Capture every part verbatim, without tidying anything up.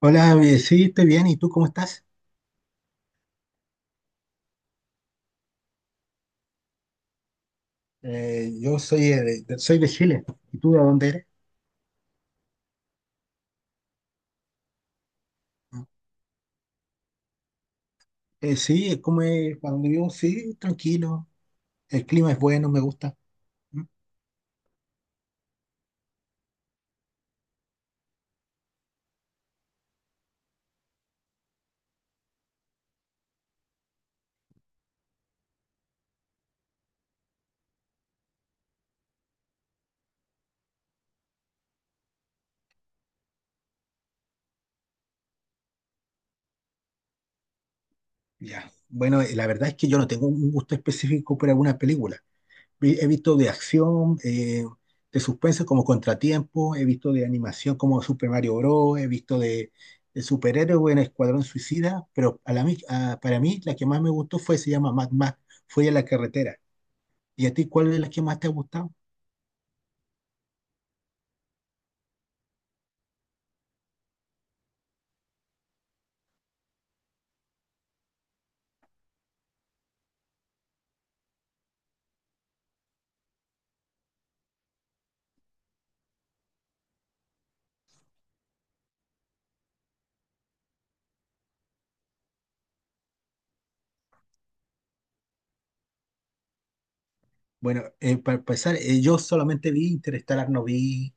Hola, eh, sí, estoy bien. ¿Y tú cómo estás? Eh, yo soy eh, de, de- soy de Chile. ¿Y tú de dónde eres? Eh, sí, es como es, para donde vivo, sí, tranquilo. El clima es bueno, me gusta. Mm. Ya. Bueno, eh, la verdad es que yo no tengo un gusto específico por alguna película. Vi- He visto de acción, eh, de suspenso como Contratiempo, he visto de animación como Super Mario Bros., he visto de, de superhéroes en Escuadrón Suicida, pero a la mi- a- para mí la que más me gustó fue, se llama Mad Max, fue a la carretera. ¿Y a ti cuál es la que más te ha gustado? Bueno, eh, para empezar, eh, yo solamente vi Interestelar, no vi,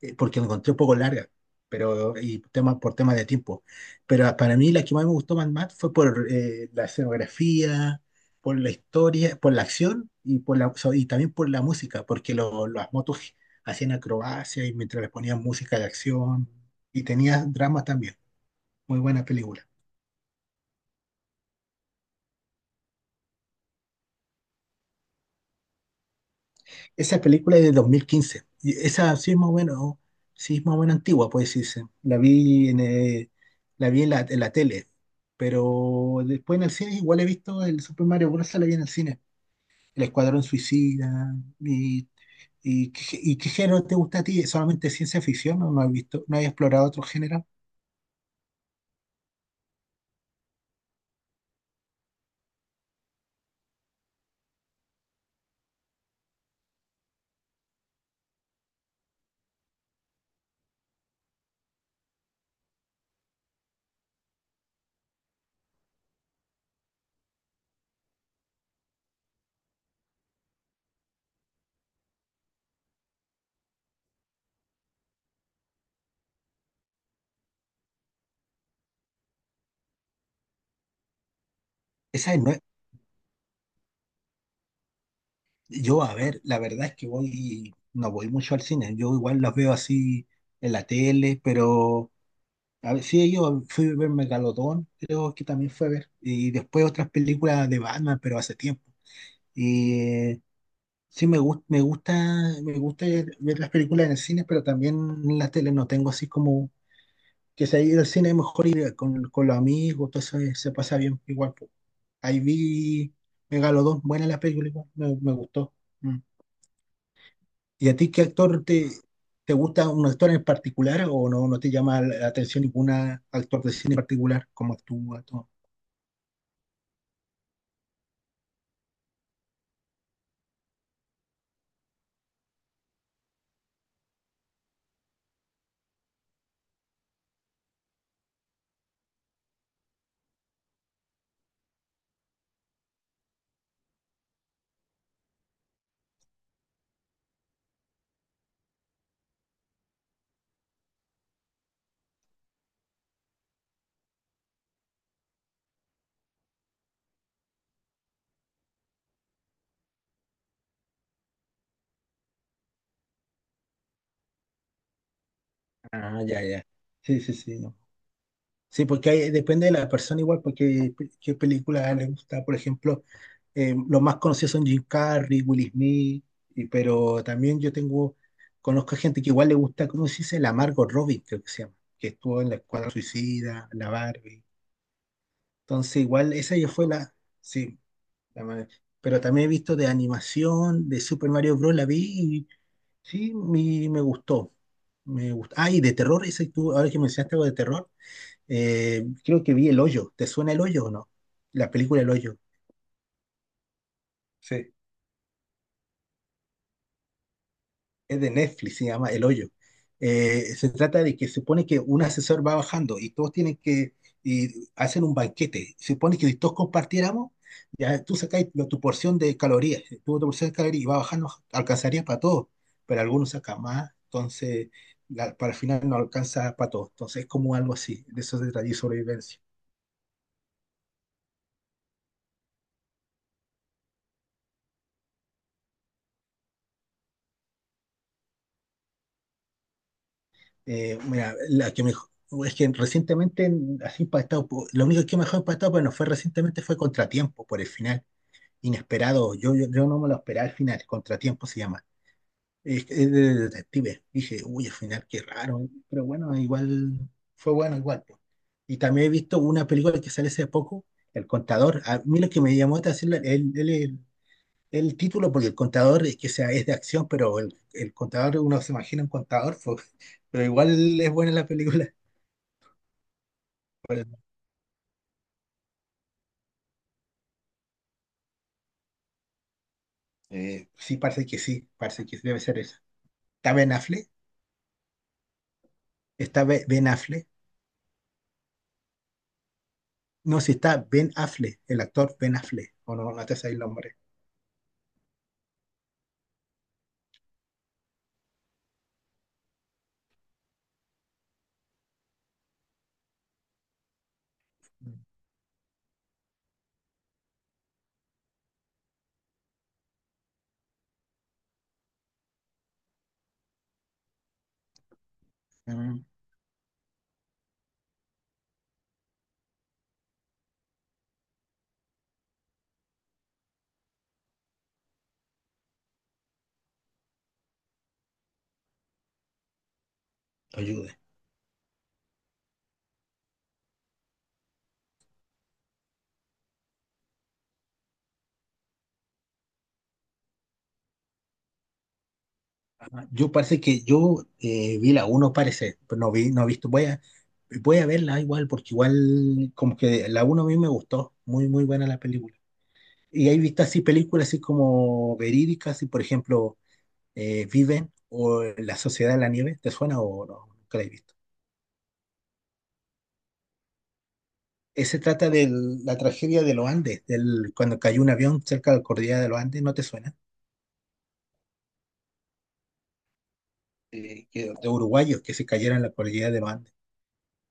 eh, porque la encontré un poco larga, pero y tema, por temas de tiempo. Pero para mí la que más me gustó más, más fue por eh, la escenografía, por la historia, por la acción y, por la, so- y también por la música, porque lo- las motos hacían acrobacias y mientras les ponían música de acción y tenía dramas también. Muy buena película. Esa película es de dos mil quince. Y esa sí es más o menos, sí es más o menos antigua, puede decirse. La vi en, eh, la vi en la, en la tele. Pero después en el cine igual he visto el Super Mario Bros. La vi en el cine. El Escuadrón Suicida. ¿Y, y, qué, ¿Y qué género te gusta a ti? ¿Solamente ciencia ficción? ¿No, no has visto, no has explorado otro género? Esa es nue- Yo, a ver, la verdad es que voy, no voy mucho al cine. Yo igual las veo así en la tele, pero a ver, sí, yo fui a ver Megalodón, creo que también fue a ver. Y después otras películas de Batman, pero hace tiempo. Y eh, sí, me gusta, me gusta, me gusta ver las películas en el cine, pero también en la tele no tengo así como que si ir al cine es mejor ir con, con los amigos, todo eso eh, se pasa bien igual po. Ahí vi Megalodón, buena la película, igual, me, me gustó. Mm. ¿Y a ti qué actor te, te gusta un actor en particular o no, no te llama la atención ningún actor de cine en particular, como actúa, todo? Ah, ya, ya. Sí, sí, sí. No. Sí, porque hay- depende de la persona igual, porque pe- qué película le gusta. Por ejemplo, eh, los más conocidos son Jim Carrey, Will Smith, y- pero también yo tengo, conozco gente que igual le gusta, ¿cómo se dice? La Margot Robbie, creo que se llama, que estuvo en la Escuadra Suicida, la Barbie. Entonces, igual esa ya fue la, sí, la ma- Pero también he visto de animación, de Super Mario Bros. La vi y sí, mi- me gustó. Me gustó. Ah, y de terror, ese tú, ahora que mencionaste algo de terror. Eh, creo que vi El Hoyo. ¿Te suena El Hoyo o no? La película El Hoyo. Sí, es de Netflix, se llama El Hoyo. Eh, se trata de que se supone que un asesor va bajando y todos tienen que y hacen un banquete. Se supone que si todos compartiéramos, ya tú sacáis lo- tu porción de calorías, tu otra porción de calorías y va bajando, alcanzaría para todos, pero algunos sacan más, entonces la- para el final no alcanza para todos. Entonces es como algo así, de eso se trata de sobrevivencia. Eh, mira, la que mejor, es que recientemente, en- así impactado, po- lo único que mejor impactado, bueno, fue recientemente fue Contratiempo por el final, inesperado. Yo, yo, yo no me lo esperaba al final, Contratiempo se llama. Es, es de detective. Dije, uy, al final qué raro, pero bueno, igual fue bueno, igual po. Y también he visto una película que sale hace poco, El Contador. A mí lo que me llamó la atención, él, el título, porque el contador es que sea, es de acción, pero el, el contador, uno se imagina un contador, pues, pero igual es buena la película. Pero, eh, sí, parece que sí, parece que debe ser esa. ¿Está Ben Affleck? ¿Está Be- Ben Affleck? No, si está Ben Affleck, el actor Ben Affleck, o no, no te sabes el nombre. Mm, ayude. Yo parece que yo eh, vi la uno parece, pero no vi, no he visto. Voy a, voy a verla igual, porque igual como que la uno a mí me gustó. Muy, muy buena la película. Y hay vistas así películas así como verídicas, y por ejemplo, eh, Viven o La Sociedad de la Nieve, ¿te suena o no? Nunca la he visto. Eh, se trata de la tragedia de los Andes, del, cuando cayó un avión cerca de la cordillera de los Andes, ¿no te suena? Eh, que- de uruguayos que se cayeron en la cordillera de los Andes.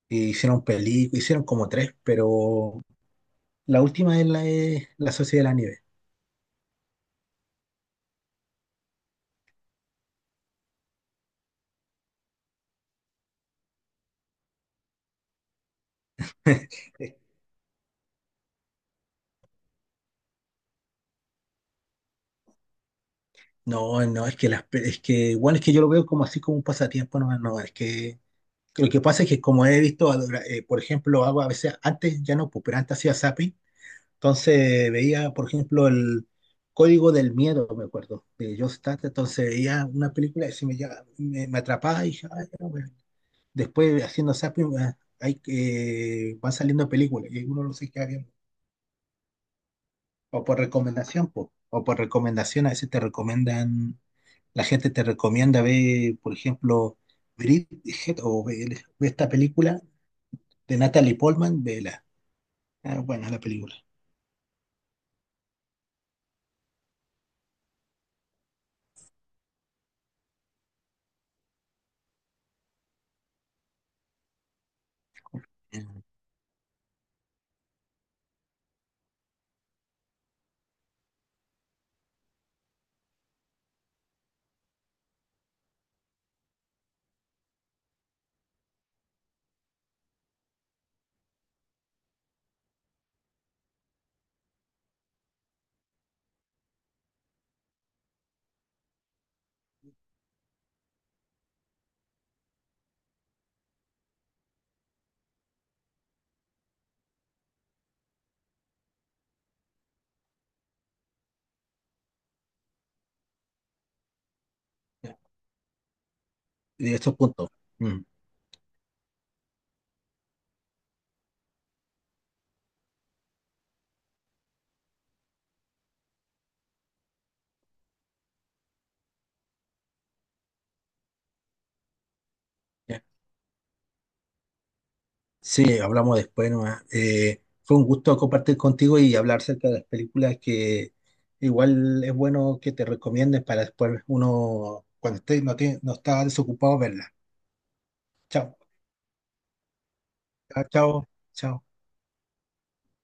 Y hicieron películas, hicieron como tres, pero la última es la, es la Sociedad de la Nieve. Eh, No, no, es que las, pe- es que igual es que yo lo veo como así como un pasatiempo, no, no, es que lo que pasa es que como he visto, adora- eh, por ejemplo, hago a veces, antes ya no, pues, pero antes hacía zapping, entonces veía, por ejemplo, el Código del Miedo, me acuerdo, de John Stott, entonces veía una película y se me, ya- me, me atrapaba y dije, "Ah, ya, bueno". Después haciendo zapping ah, hay, que van saliendo películas y uno no se queda viendo, o por recomendación, po, o por recomendación, a veces te recomiendan, la gente te recomienda ver, por ejemplo, Bridget o ve ve esta película de Natalie Portman, vela. Ah, buena la película. Ya, de estos puntos. Mm, ya. Sí, hablamos después nomás. Eh, fue un gusto compartir contigo y hablar acerca de las películas que igual es bueno que te recomiendes para después uno, cuando esté, no, te, no está desocupado, verla. Chao, chao, chao. Chao.